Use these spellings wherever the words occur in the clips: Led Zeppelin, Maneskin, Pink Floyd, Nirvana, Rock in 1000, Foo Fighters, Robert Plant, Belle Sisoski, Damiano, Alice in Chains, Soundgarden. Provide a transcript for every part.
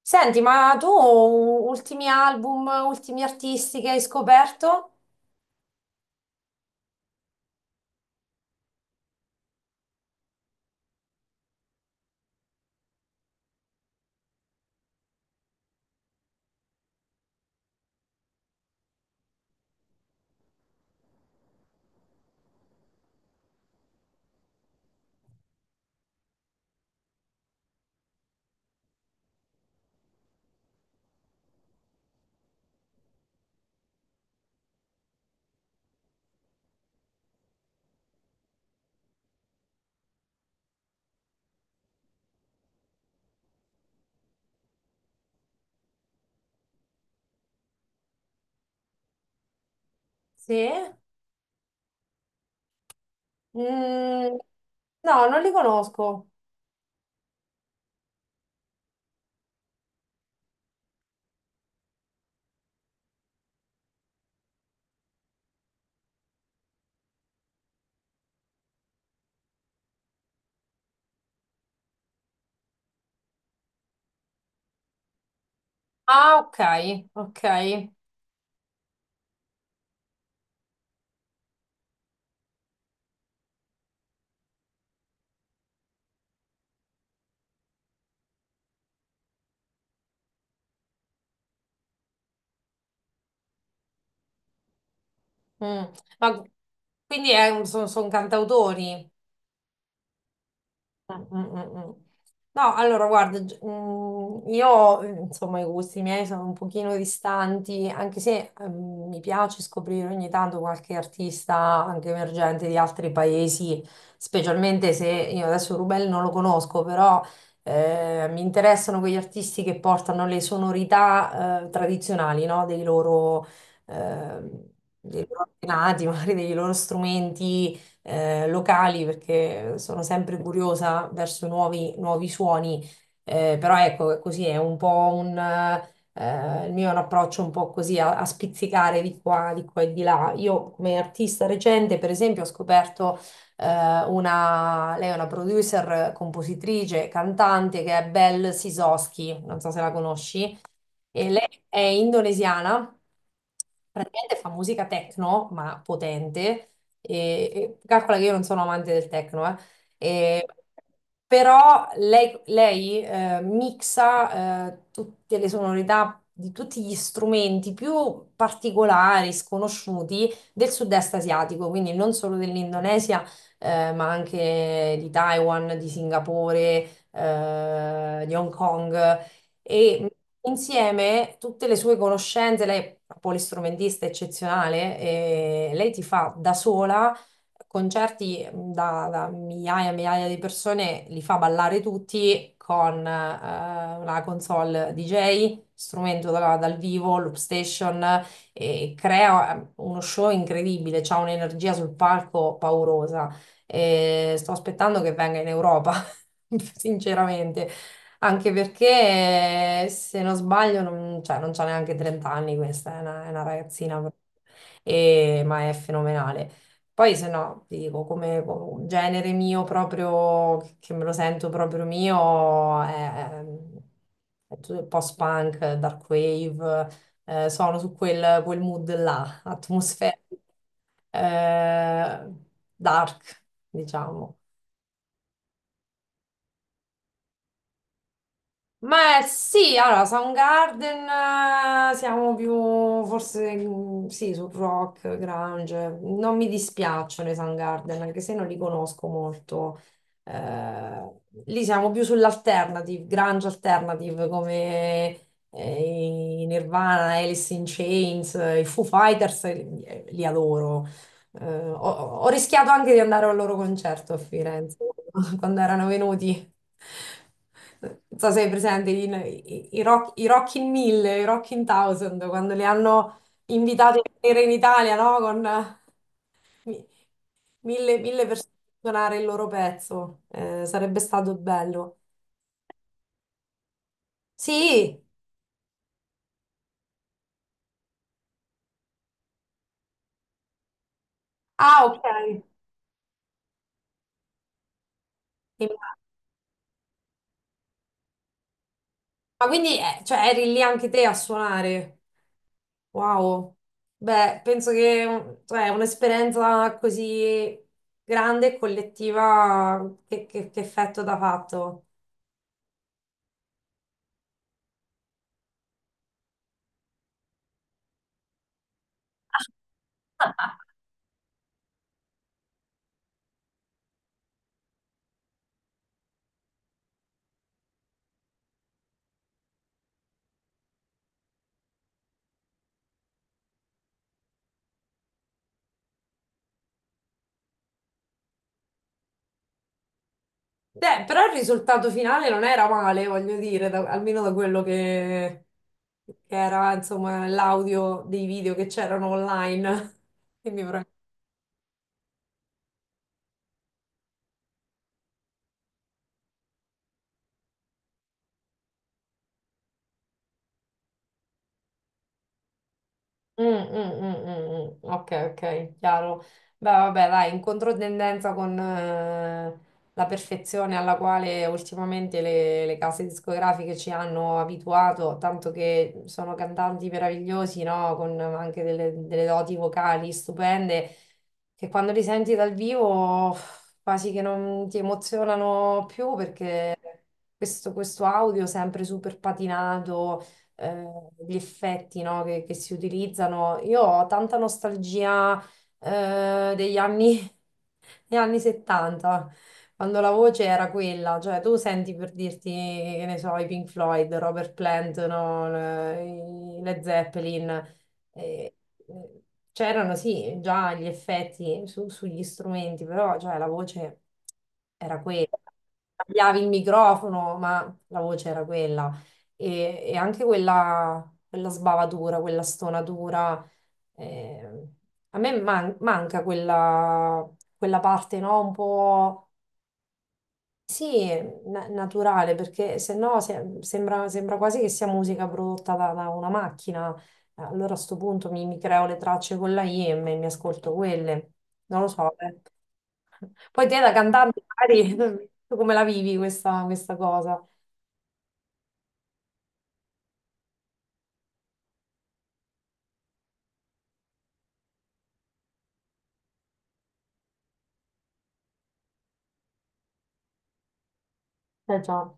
Senti, ma tu ultimi album, ultimi artisti che hai scoperto? Sì? Mm, no, non li conosco. Ah, ok, ok. Mm. Ma quindi sono cantautori? Mm, mm, mm. Mm. No, allora guarda, io insomma i gusti miei sono un pochino distanti, anche se mi piace scoprire ogni tanto qualche artista anche emergente di altri paesi, specialmente se io adesso Rubel non lo conosco, però mi interessano quegli artisti che portano le sonorità tradizionali, no? Ehm, dei loro antenati, magari dei loro strumenti locali perché sono sempre curiosa verso nuovi, nuovi suoni, però ecco, così è un po' il mio è un approccio un po' così a spizzicare di qua e di là. Io come artista recente, per esempio, ho scoperto eh, lei è una producer, compositrice, cantante che è Belle Sisoski, non so se la conosci, e lei è indonesiana, praticamente fa musica techno, ma potente, e calcola che io non sono amante del techno, eh. E- Però lei mixa tutte le sonorità di tutti gli strumenti più particolari, sconosciuti del sud-est asiatico, quindi non solo dell'Indonesia, ma anche di Taiwan, di Singapore, di Hong Kong e insieme tutte le sue conoscenze, lei è un polistrumentista eccezionale, e lei ti fa da sola concerti da migliaia e migliaia di persone, li fa ballare tutti con la console DJ, strumento dal vivo, loop station, e crea uno show incredibile, c'ha un'energia sul palco paurosa. E sto aspettando che venga in Europa, sinceramente. Anche perché, se non sbaglio, non, cioè, non c'ha neanche 30 anni questa, è una ragazzina, ma è fenomenale. Poi, se no, ti dico, come genere mio proprio, che me lo sento proprio mio, è tutto il post-punk, dark wave, sono su quel mood là, atmosfera, eh, dark, diciamo. Ma sì, allora, Soundgarden, siamo più forse mm, sì, sul rock, grunge. Non mi dispiacciono i Soundgarden, anche se non li conosco molto. Eh, Lì siamo più sull'alternative, grunge alternative, come eh, i Nirvana, Alice in Chains, i Foo Fighters, li adoro. Eh, ho, ho rischiato anche di andare al loro concerto a Firenze quando erano venuti. Non so se hai presente i Rock in 1000, quando li hanno invitati a venire in Italia, no? Con mi- mille persone a suonare il loro pezzo. Sarebbe stato bello. Sì, ah, ok. Immag- Ma quindi, cioè, eri lì anche te a suonare? Wow, beh, penso che cioè, un'esperienza così grande e collettiva che effetto t'ha fatto. Beh, però il risultato finale non era male, voglio dire, almeno da quello che era, insomma, l'audio dei video che c'erano online. Quindi. Mm, mm, mm, mm, mm. Ok, ok, chiaro. Beh, vabbè, dai, in controtendenza con la perfezione alla quale ultimamente le case discografiche ci hanno abituato, tanto che sono cantanti meravigliosi, no? Con anche delle doti vocali stupende, che quando li senti dal vivo uff, quasi che non ti emozionano più perché questo audio sempre super patinato gli effetti, no, che si utilizzano. Io ho tanta nostalgia degli anni, degli anni 70, quando la voce era quella, cioè tu senti per dirti, che ne so, i Pink Floyd, Robert Plant, no, i Led Zeppelin. eh, eh, C'erano sì già gli effetti sugli strumenti, però cioè, la voce era quella. Cambiavi il microfono, ma la voce era quella e anche quella sbavatura, quella stonatura. eh, A me manca quella parte, no? Un po', sì, naturale, perché se no sembra quasi che sia musica prodotta da una macchina. Allora a sto punto mi creo le tracce con la IM e mi ascolto quelle. Non lo so, eh. Poi te da cantante, magari, tu come la vivi questa cosa? Eh già.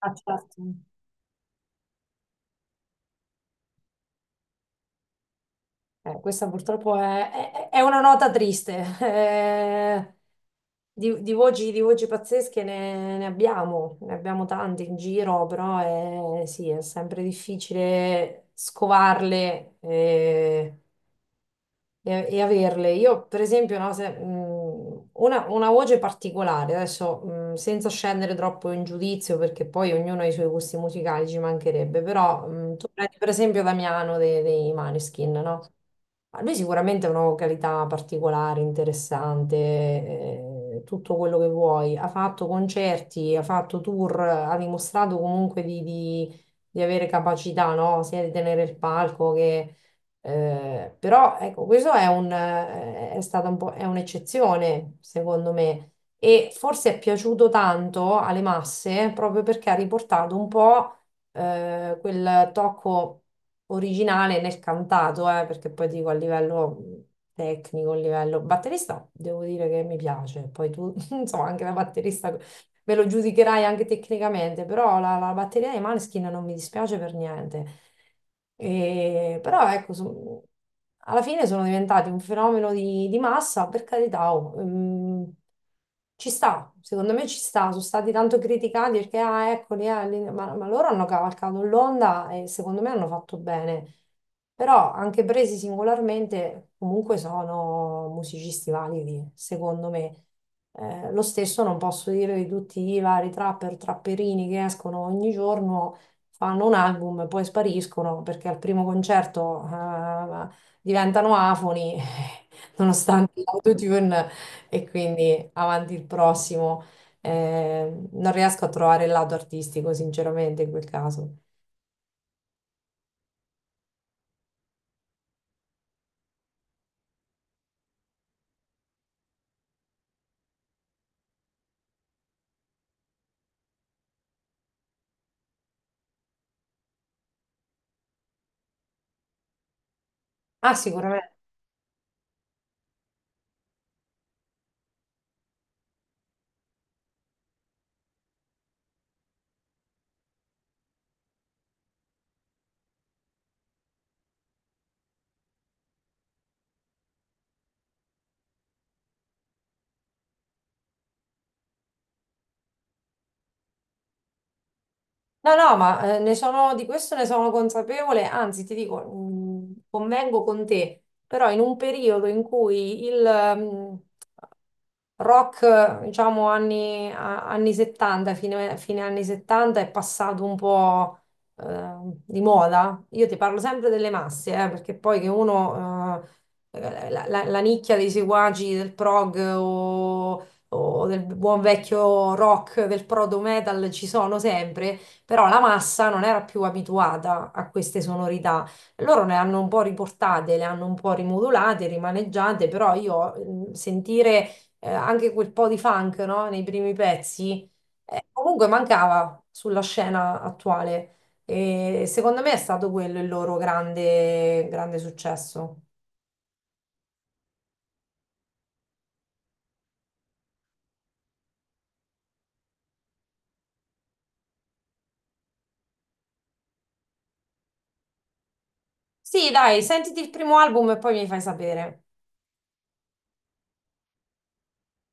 Ah, certo. Questa purtroppo è una nota triste. Eh, di voci pazzesche ne abbiamo tante in giro, però è, sì, è sempre difficile scovarle. E averle. Io, per esempio, no, una voce particolare, adesso senza scendere troppo in giudizio, perché poi ognuno ha i suoi gusti musicali, ci mancherebbe, però tu prendi per esempio Damiano dei Maneskin, no? Ma lui sicuramente ha una vocalità particolare, interessante, tutto quello che vuoi. Ha fatto concerti, ha fatto tour, ha dimostrato comunque di avere capacità, no? Sia di tenere il palco che però ecco, questo è un, è stata un po', è un'eccezione, secondo me, e forse è piaciuto tanto alle masse proprio perché ha riportato un po' quel tocco originale nel cantato, perché poi dico a livello tecnico, a livello batterista, devo dire che mi piace, poi tu, insomma, anche da batterista me lo giudicherai anche tecnicamente, però la batteria dei Maneskin non mi dispiace per niente. Però ecco, alla fine sono diventati un fenomeno di massa, per carità, oh, ci sta, secondo me ci sta, sono stati tanto criticati perché, ah, eccoli, ma loro hanno cavalcato l'onda e secondo me hanno fatto bene. Però anche presi singolarmente, comunque sono musicisti validi, secondo me. Lo stesso non posso dire di tutti i vari trapper, trapperini che escono ogni giorno, fanno un album e poi spariscono perché al primo concerto diventano afoni, nonostante l'autotune, e quindi avanti il prossimo. Non riesco a trovare il lato artistico, sinceramente, in quel caso. Ah, sicuramente. No, no, ma di questo ne sono consapevole, anzi ti dico, convengo con te, però in un periodo in cui il, mm, rock, diciamo, anni 70, fine anni 70, è passato un po' eh, di moda. Io ti parlo sempre delle masse, perché poi che uno, la nicchia dei seguaci del prog o del buon vecchio rock, del proto metal ci sono sempre, però la massa non era più abituata a queste sonorità. Loro le hanno un po' riportate, le hanno un po' rimodulate, rimaneggiate, però io sentire anche quel po' di funk, no? Nei primi pezzi, comunque mancava sulla scena attuale. E secondo me è stato quello il loro grande, grande successo. Sì, dai, sentiti il primo album e poi mi fai sapere.